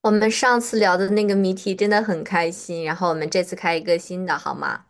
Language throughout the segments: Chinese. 我们上次聊的那个谜题真的很开心，然后我们这次开一个新的，好吗？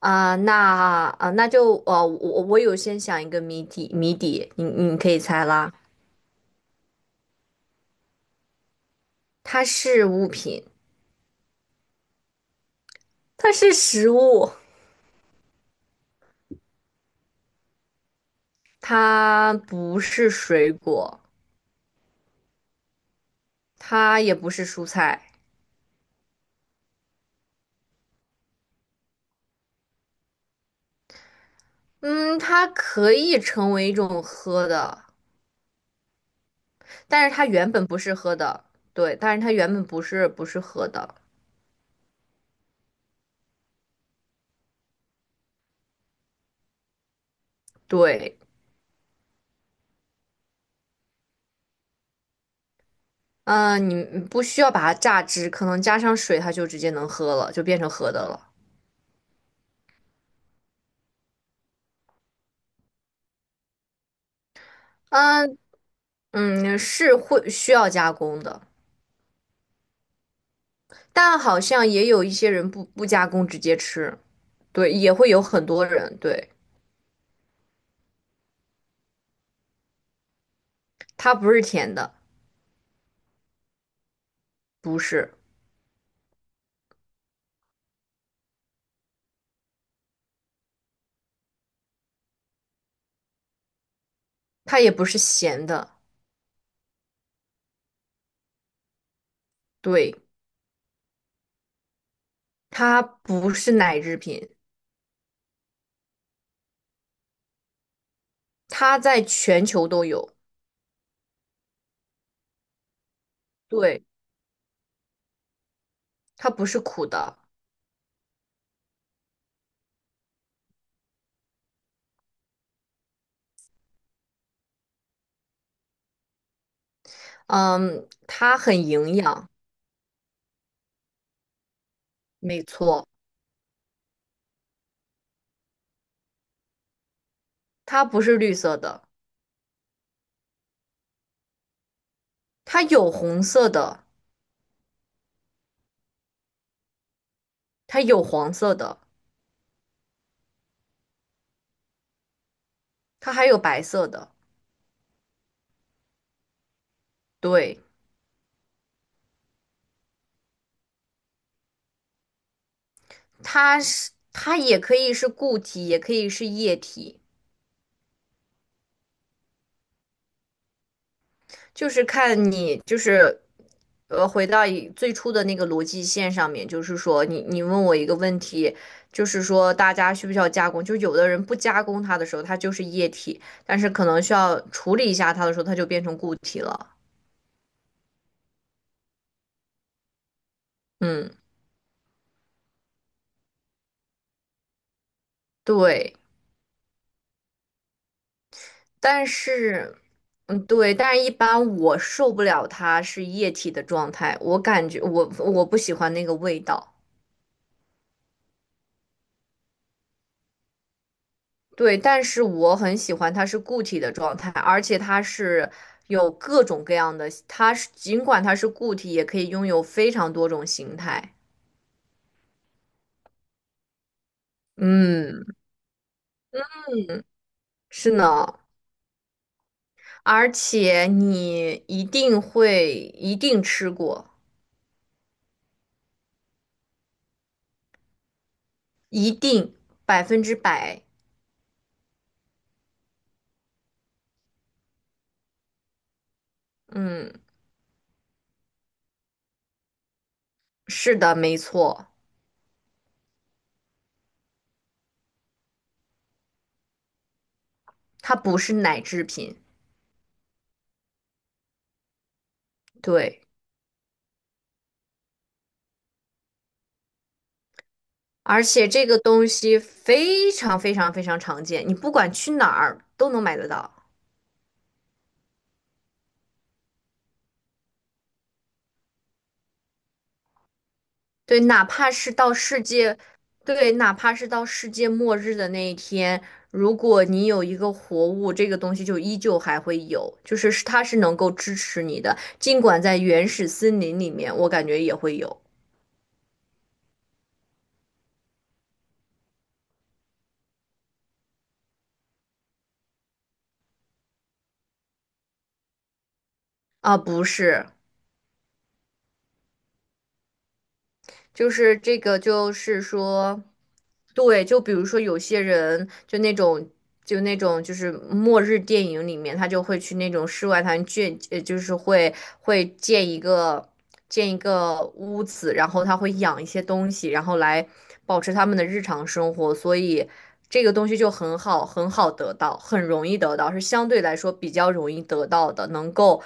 啊、那啊、那就呃，我有先想一个谜底，你可以猜啦。它是物品，它是食物，它不是水果，它也不是蔬菜。嗯，它可以成为一种喝的，但是它原本不是喝的。对，但是它原本不是喝的。对。你不需要把它榨汁，可能加上水，它就直接能喝了，就变成喝的了。嗯是会需要加工的，但好像也有一些人不加工直接吃，对，也会有很多人，对。它不是甜的，不是，它也不是咸的，对。它不是奶制品，它在全球都有。对，它不是苦的。嗯，它很营养。没错，它不是绿色的。它有红色的，它有黄色的，它还有白色的。对，它也可以是固体，也可以是液体，就是看你就是呃回到以最初的那个逻辑线上面，就是说你问我一个问题，就是说大家需不需要加工？就有的人不加工它的时候，它就是液体，但是可能需要处理一下它的时候，它就变成固体了。嗯，对。但是，嗯，对，但是一般我受不了它是液体的状态，我感觉我不喜欢那个味道。对，但是我很喜欢它是固体的状态，而且有各种各样的，尽管它是固体，也可以拥有非常多种形态。嗯，是呢，而且你一定吃过，一定100%。嗯，是的，没错，它不是奶制品。对，而且这个东西非常非常非常常见，你不管去哪儿都能买得到。对，哪怕是到世界，对，哪怕是到世界末日的那一天，如果你有一个活物，这个东西就依旧还会有，就是它是能够支持你的，尽管在原始森林里面，我感觉也会有。啊，不是。就是这个，就是说，对，就比如说有些人就那种，就是末日电影里面，他就会去那种世外桃源建，呃，就是会会建一个建一个屋子，然后他会养一些东西，然后来保持他们的日常生活，所以这个东西就很好，很好得到，很容易得到，是相对来说比较容易得到的，能够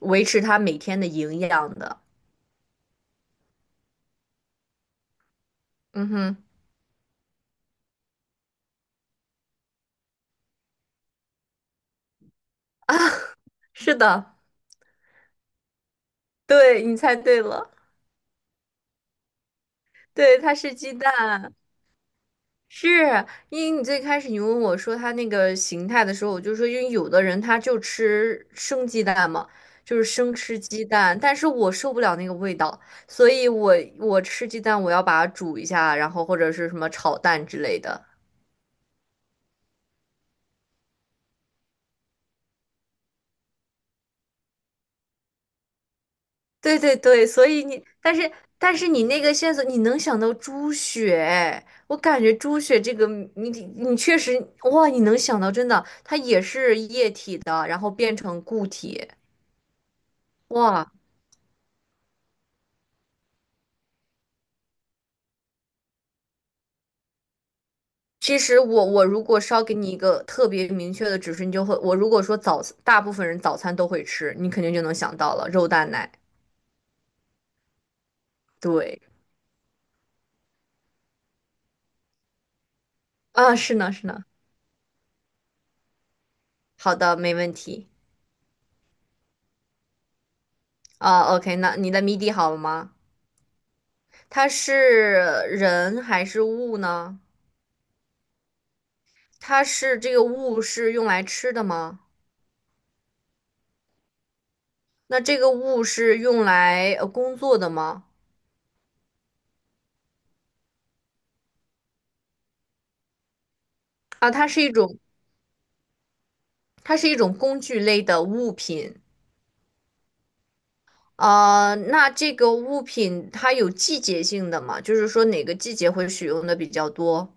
维持他每天的营养的。嗯哼，是的。对，你猜对了，对，它是鸡蛋。是，因为你最开始你问我说它那个形态的时候，我就说，因为有的人他就吃生鸡蛋嘛，就是生吃鸡蛋，但是我受不了那个味道，所以我吃鸡蛋我要把它煮一下，然后或者是什么炒蛋之类的。对对对，所以你，但是你那个线索，你能想到猪血，我感觉猪血这个你你确实哇，你能想到真的，它也是液体的，然后变成固体，哇。其实我如果稍给你一个特别明确的指示，你就会，我如果说早，大部分人早餐都会吃，你肯定就能想到了肉蛋奶。对。啊，是呢，好的，没问题。啊，OK,那你的谜底好了吗？它是人还是物呢？它是这个物是用来吃的吗？那这个物是用来工作的吗？啊，它是一种，它是一种工具类的物品。呃，那这个物品它有季节性的吗？就是说哪个季节会使用的比较多？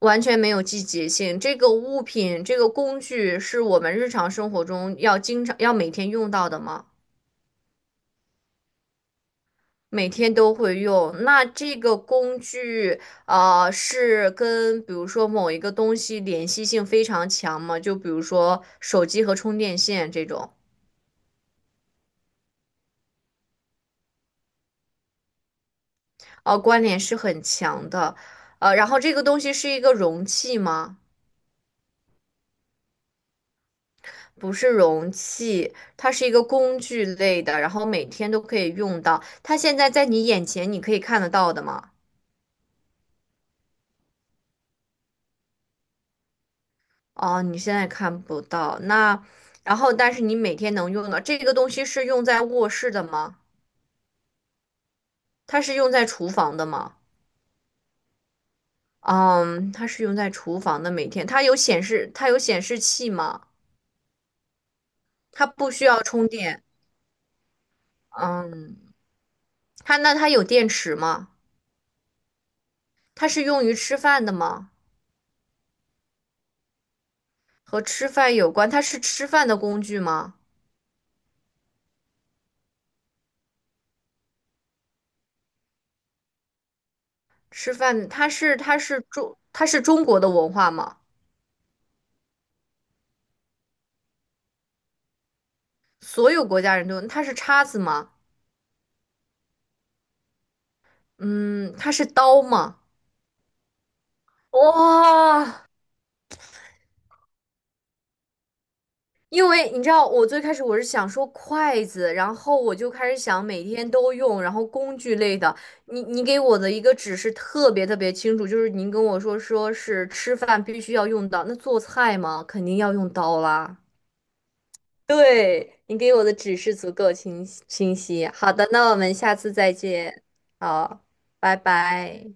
完全没有季节性。这个物品，这个工具是我们日常生活中要经常每天用到的吗？每天都会用。那这个工具，是跟比如说某一个东西联系性非常强吗？就比如说手机和充电线这种，呃，关联是很强的。呃，然后这个东西是一个容器吗？不是容器，它是一个工具类的，然后每天都可以用到。它现在在你眼前，你可以看得到的吗？哦，你现在看不到。那，然后但是你每天能用的这个东西是用在卧室的吗？它是用在厨房的吗？嗯，它是用在厨房的，每天它有显示，它有显示器吗？它不需要充电。嗯，它那它有电池吗？它是用于吃饭的吗？和吃饭有关，它是吃饭的工具吗？吃饭，它是它是中国的文化吗？所有国家人都用，它是叉子吗？嗯，它是刀吗？哇、因为你知道，我最开始我是想说筷子，然后我就开始想每天都用，然后工具类的。你给我的一个指示特别特别清楚，就是您跟我说是吃饭必须要用到，那做菜嘛，肯定要用刀啦。对，你给我的指示足够清晰。好的，那我们下次再见。好，拜拜。